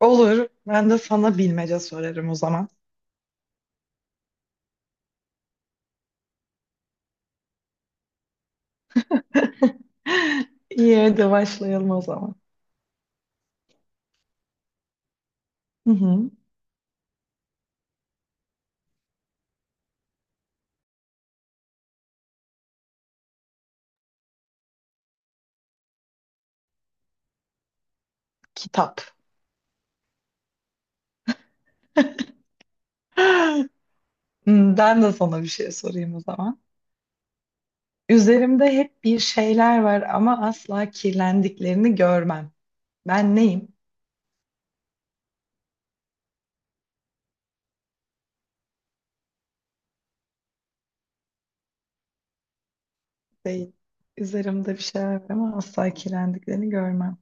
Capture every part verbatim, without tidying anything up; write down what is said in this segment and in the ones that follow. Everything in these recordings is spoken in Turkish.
Olur. Ben de sana bilmece sorarım o zaman. İyi, hadi başlayalım o zaman. Hı hı. Kitap. Hmm, ben de sana bir şey sorayım o zaman. Üzerimde hep bir şeyler var ama asla kirlendiklerini görmem. Ben neyim? Değil. Üzerimde bir şeyler var ama asla kirlendiklerini görmem.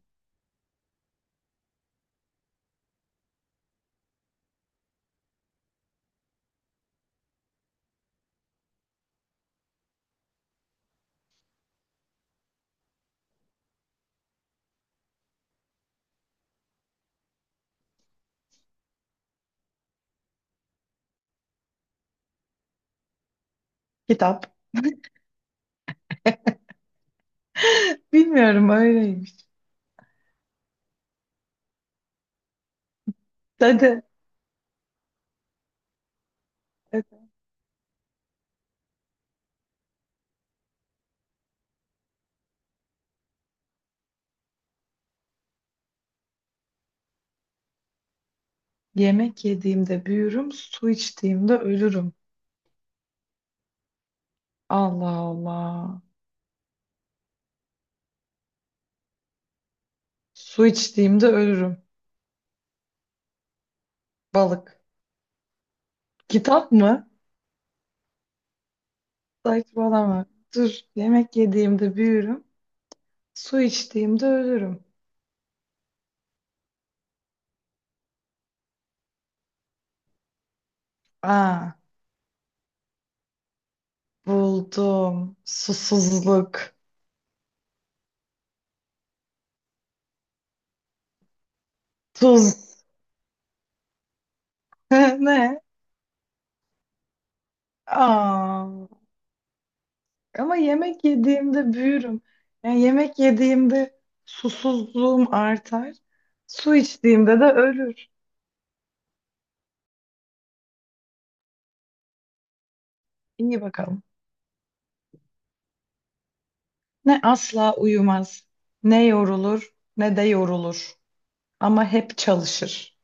Kitap. Bilmiyorum, öyleymiş. Hadi. Hadi. Yemek yediğimde büyürüm, su içtiğimde ölürüm. Allah Allah. Su içtiğimde ölürüm. Balık. Kitap mı? Saçmalama. Dur. Yemek yediğimde büyürüm. Su içtiğimde ölürüm. Aa, buldum. Susuzluk. Tuz. Ne? Aa, ama yemek yediğimde büyürüm. Yani yemek yediğimde susuzluğum artar. Su içtiğimde de ölür. İyi, bakalım. Ne asla uyumaz, ne yorulur, ne de yorulur. Ama hep çalışır.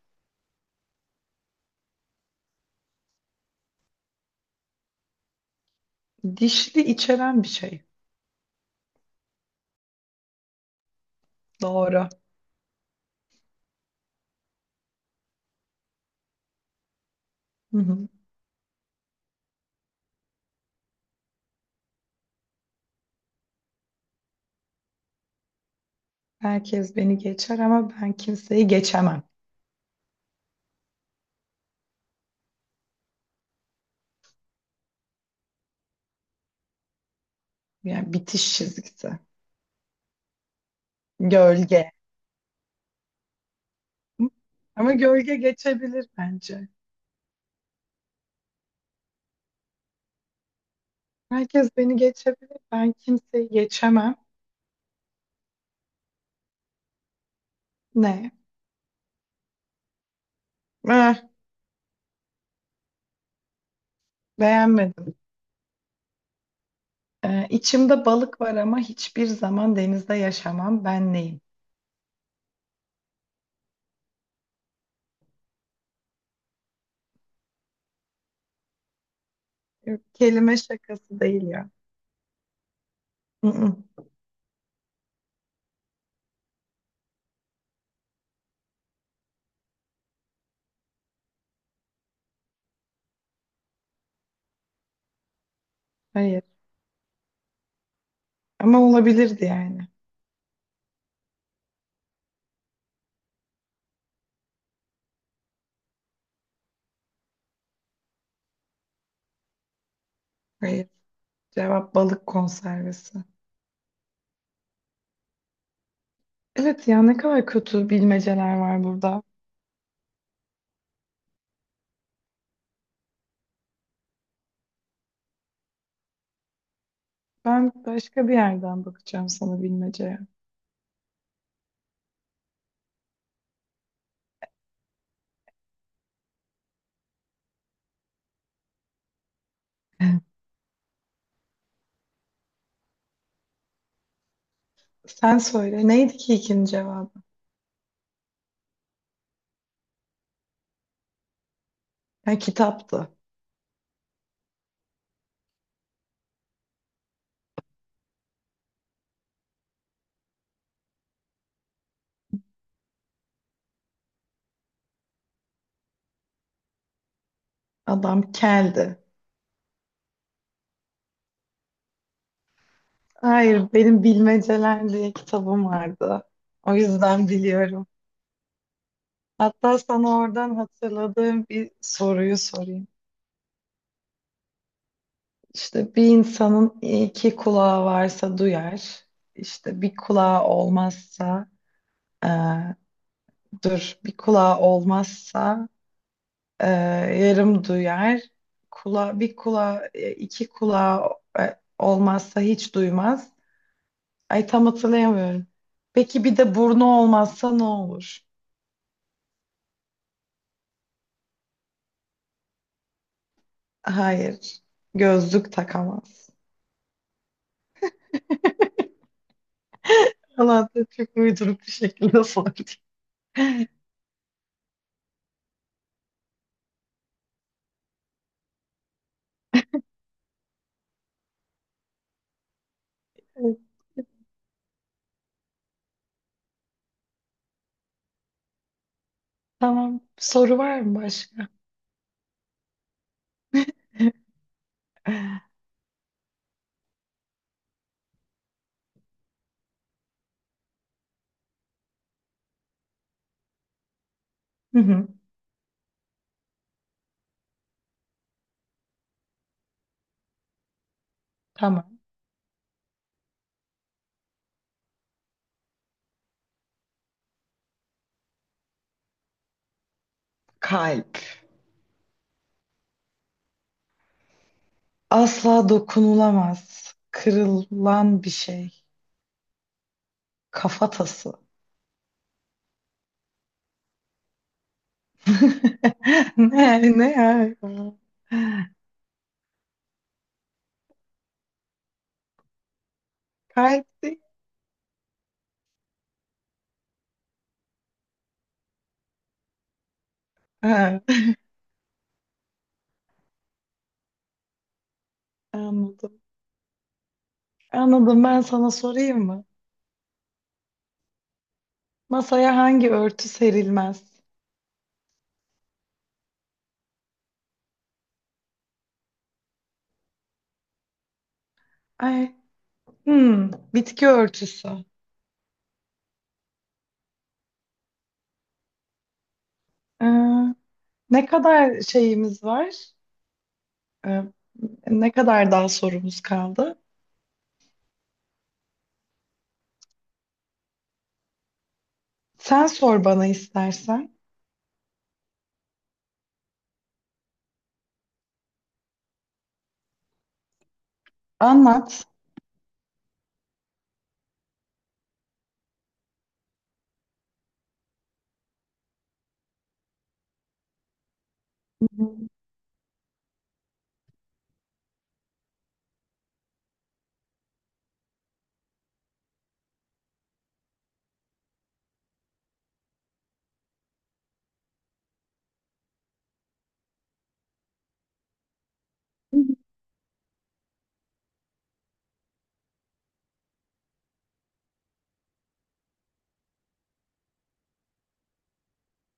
Dişli içeren bir şey. Doğru. Hı hı. Herkes beni geçer ama ben kimseyi geçemem. Yani bitiş çizgisi. Gölge. Ama gölge geçebilir bence. Herkes beni geçebilir. Ben kimseyi geçemem. Ne? Eh, beğenmedim. Ee, içimde balık var ama hiçbir zaman denizde yaşamam. Ben neyim? Yok, kelime şakası değil ya. Mm-mm, hayır. Ama olabilirdi yani. Hayır. Cevap balık konservesi. Evet ya, ne kadar kötü bilmeceler var burada. Ben başka bir yerden bakacağım sana bilmeceye. Sen söyle. Neydi ki ikinci cevabı? Ha, kitaptı. Adam keldi. Hayır, benim bilmeceler diye kitabım vardı. O yüzden biliyorum. Hatta sana oradan hatırladığım bir soruyu sorayım. İşte bir insanın iki kulağı varsa duyar. İşte bir kulağı olmazsa, eee, dur, bir kulağı olmazsa Ee, yarım duyar. Kula, bir kulağı, e, iki kulağı e, olmazsa hiç duymaz. Ay, tam hatırlayamıyorum. Peki bir de burnu olmazsa ne olur? Hayır. Gözlük takamaz. Allah da çok uyduruk bir şekilde sordu. Tamam. Soru var mı başka? Hı hı. Tamam. Kalp. Asla dokunulamaz. Kırılan bir şey. Kafatası. Ne ne ya? Kalpti. Ha, anladım. Anladım. Ben sana sorayım mı? Masaya hangi örtü serilmez? Ay, hmm, bitki örtüsü. Ee, Ne kadar şeyimiz var? Ee, Ne kadar daha sorumuz kaldı? Sen sor bana istersen. Anlat.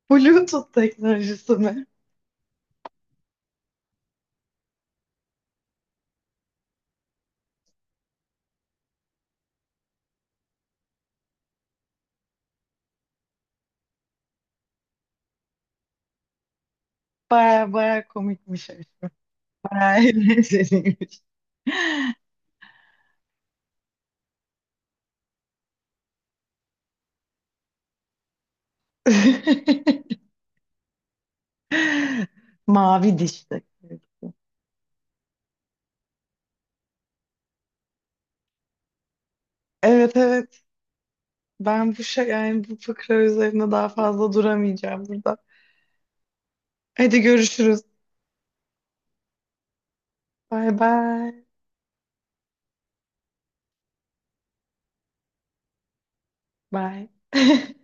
Bluetooth teknolojisi mi? Baya baya komikmiş. Baya eğlenceliymiş. Mavi dişli. Evet evet. Ben bu şey yani bu fıkra üzerine daha fazla duramayacağım burada. Hadi görüşürüz. Bay bay. Bay.